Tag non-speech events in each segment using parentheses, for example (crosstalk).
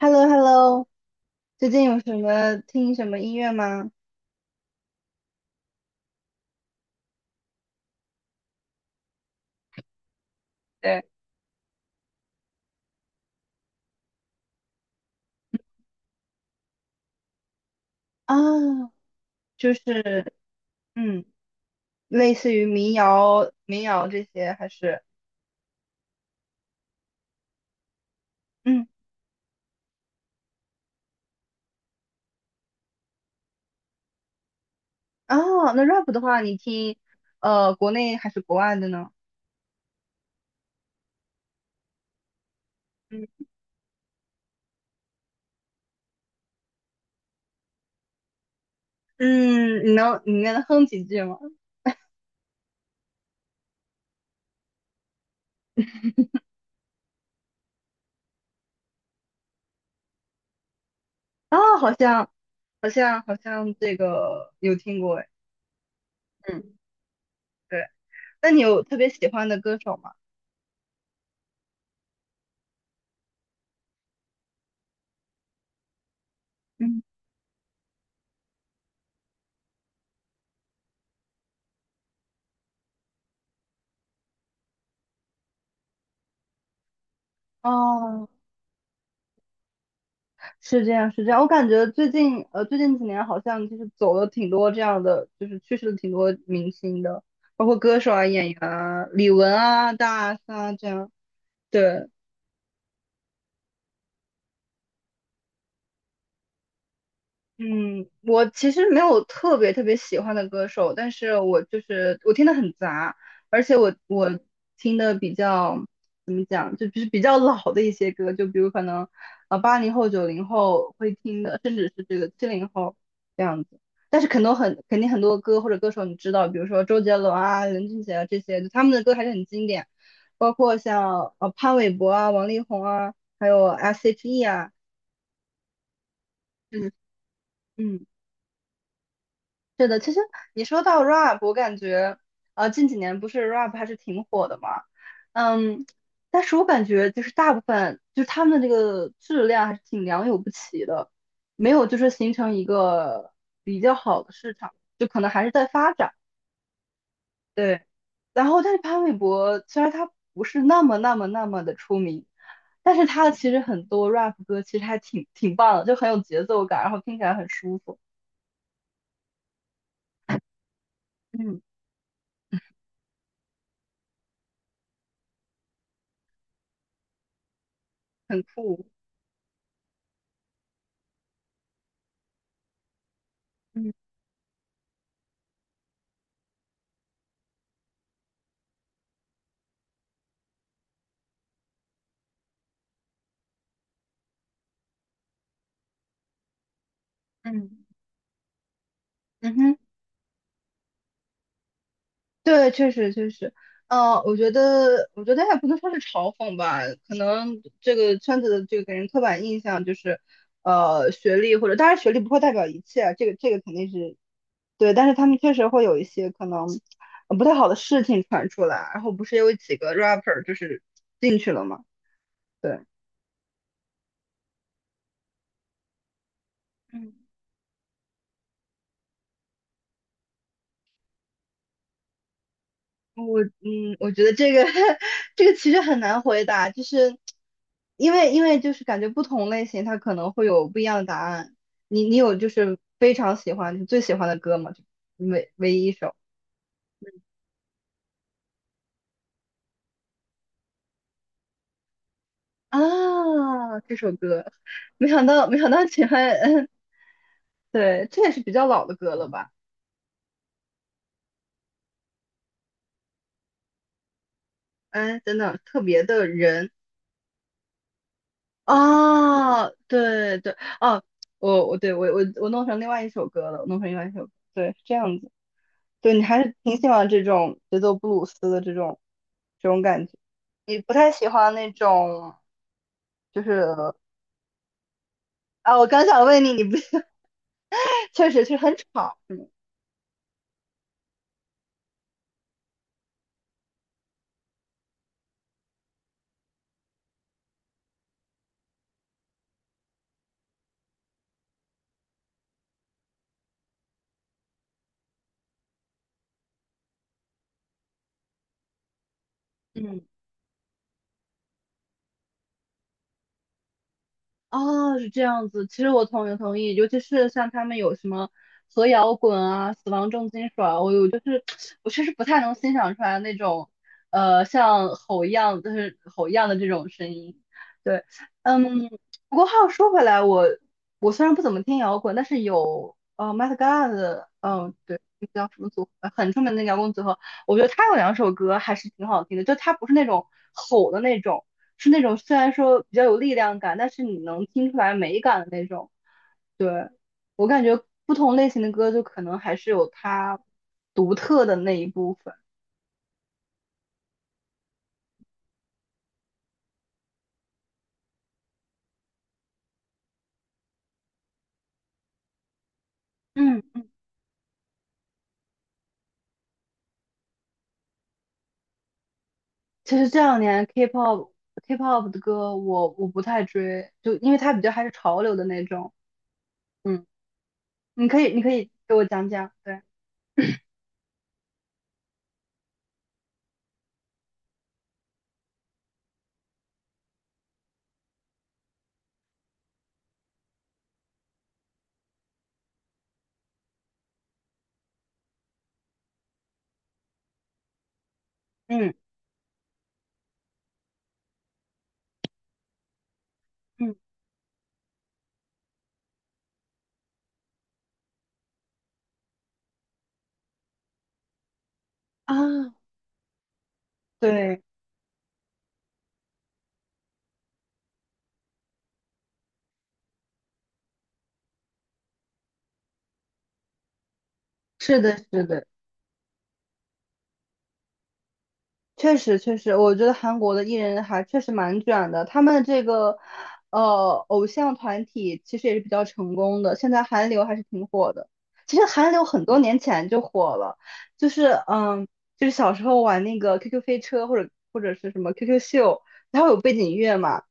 h e l l o h e l l o 最近有什么听什么音乐吗？对，啊，就是嗯，类似于民谣这些，还是嗯哦，那 rap 的话，你听国内还是国外的呢？嗯，嗯，你能哼几句吗？啊，好像好像好像这个有听过哎，嗯，对，那你有特别喜欢的歌手吗？嗯，哦，是这样，是这样。我感觉最近几年好像就是走了挺多这样的，就是去世了挺多明星的，包括歌手啊、演员啊、李玟啊、大 S 啊这样。对，嗯，我其实没有特别特别喜欢的歌手，但是我就是我听的很杂，而且我听的比较怎么讲，就是比较老的一些歌，就比如可能啊八零后、九零后会听的，甚至是这个七零后这样子。但是很多很肯定很多歌或者歌手你知道，比如说周杰伦啊、林俊杰啊这些，就他们的歌还是很经典，包括像潘玮柏啊、王力宏啊，还有 S.H.E 啊，嗯是的，其实你说到 rap,我感觉，近几年不是 rap 还是挺火的嘛，嗯，但是我感觉就是大部分就是他们的这个质量还是挺良莠不齐的，没有就是形成一个比较好的市场，就可能还是在发展。对，然后但是潘玮柏虽然他不是那么那么那么的出名，但是他其实很多 rap 歌其实还挺棒的，就很有节奏感，然后听起来很舒服，嗯很酷。嗯嗯。嗯哼，对，确实确实，我觉得，也不能说是嘲讽吧，可能这个圈子的这个给人刻板印象就是，学历或者当然学历不会代表一切啊这个肯定是对，但是他们确实会有一些可能不太好的事情传出来，然后不是有几个 rapper 就是进去了嘛，对，我觉得这个 (laughs) 这个其实很难回答，就是因为就是感觉不同类型它可能会有不一样的答案。你有就是非常喜欢你最喜欢的歌吗？就唯一一首啊，这首歌，没想到没想到喜欢，(laughs) 嗯，对，这也是比较老的歌了吧？哎，等等，特别的人啊，对对哦，我对我弄成另外一首歌了，我弄成另外一首歌对，是这样子。对，你还是挺喜欢这种节奏布鲁斯的这种感觉，你不太喜欢那种就是啊，我刚想问你，你不 (laughs) 确实是很吵，嗯。哦，是这样子。其实我同意同意，尤其是像他们有什么核摇滚啊、死亡重金属啊，我有就是 (tsk) 我确实不太能欣赏出来那种像吼一样，就是吼一样的这种声音。对，嗯，不过话又说回来，我虽然不怎么听摇滚，但是有Met Gala 嗯、对，那叫什么组合，很出名的那个摇滚组合，我觉得他有两首歌还是挺好听的，就他不是那种吼的那种。是那种虽然说比较有力量感，但是你能听出来美感的那种。对，我感觉不同类型的歌就可能还是有它独特的那一部分。嗯其实这两年 K-pop 的歌我不太追，就因为它比较还是潮流的那种。嗯，你可以给我讲讲，对。嗯嗯啊，对，是的，是的，确实，确实，我觉得韩国的艺人还确实蛮卷的。他们这个，偶像团体其实也是比较成功的。现在韩流还是挺火的。其实韩流很多年前就火了，就是嗯，就是小时候玩那个 QQ 飞车或者是什么 QQ 秀，它会有背景音乐嘛，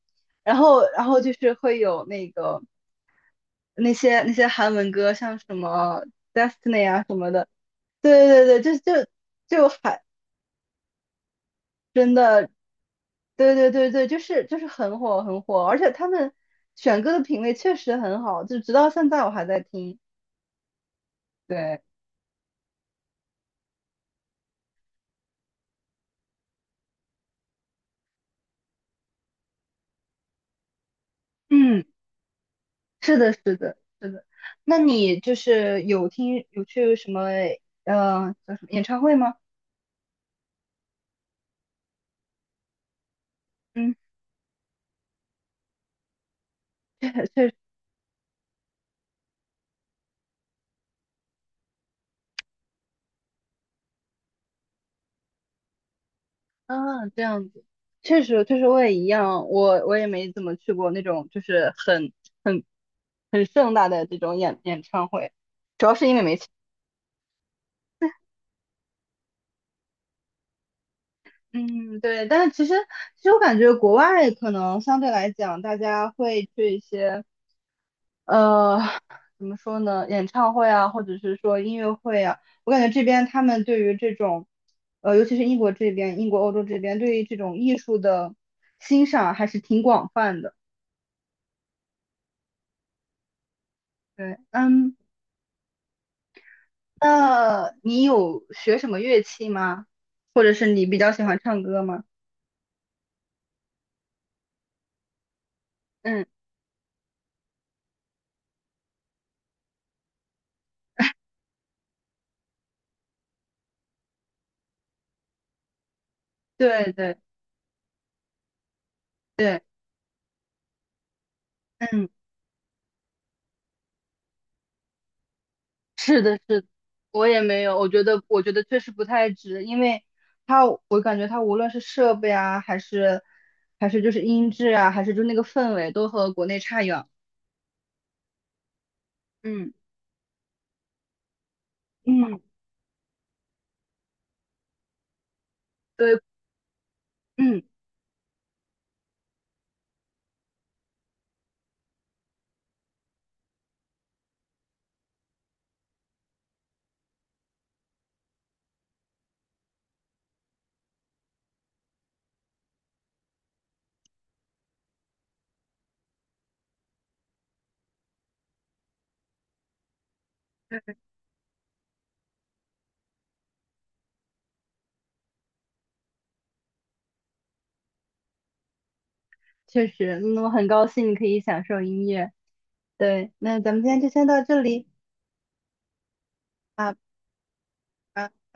然后就是会有那些韩文歌，像什么 Destiny 啊什么的。对对对，就还真的对对对对，就是很火很火，而且他们选歌的品味确实很好，就直到现在我还在听。对，嗯，是的，是的，是的。那你就是有听有去什么叫什么演唱会吗？嗯，确确实啊，这样子，确实确实我也一样，我也没怎么去过那种就是很很很盛大的这种演唱会，主要是因为没嗯，对，但是其实我感觉国外可能相对来讲，大家会去一些呃怎么说呢，演唱会啊，或者是说音乐会啊，我感觉这边他们对于这种尤其是英国这边，英国欧洲这边对于这种艺术的欣赏还是挺广泛的。对，嗯，那你有学什么乐器吗？或者是你比较喜欢唱歌吗？嗯，对对对，嗯。是的，是的，我也没有，我觉得，确实不太值，因为它，我感觉它无论是设备啊，还是就是音质啊，还是就那个氛围，都和国内差远了。嗯嗯对，嗯，确实，那我很高兴你可以享受音乐。对，那咱们今天就先到这里啊。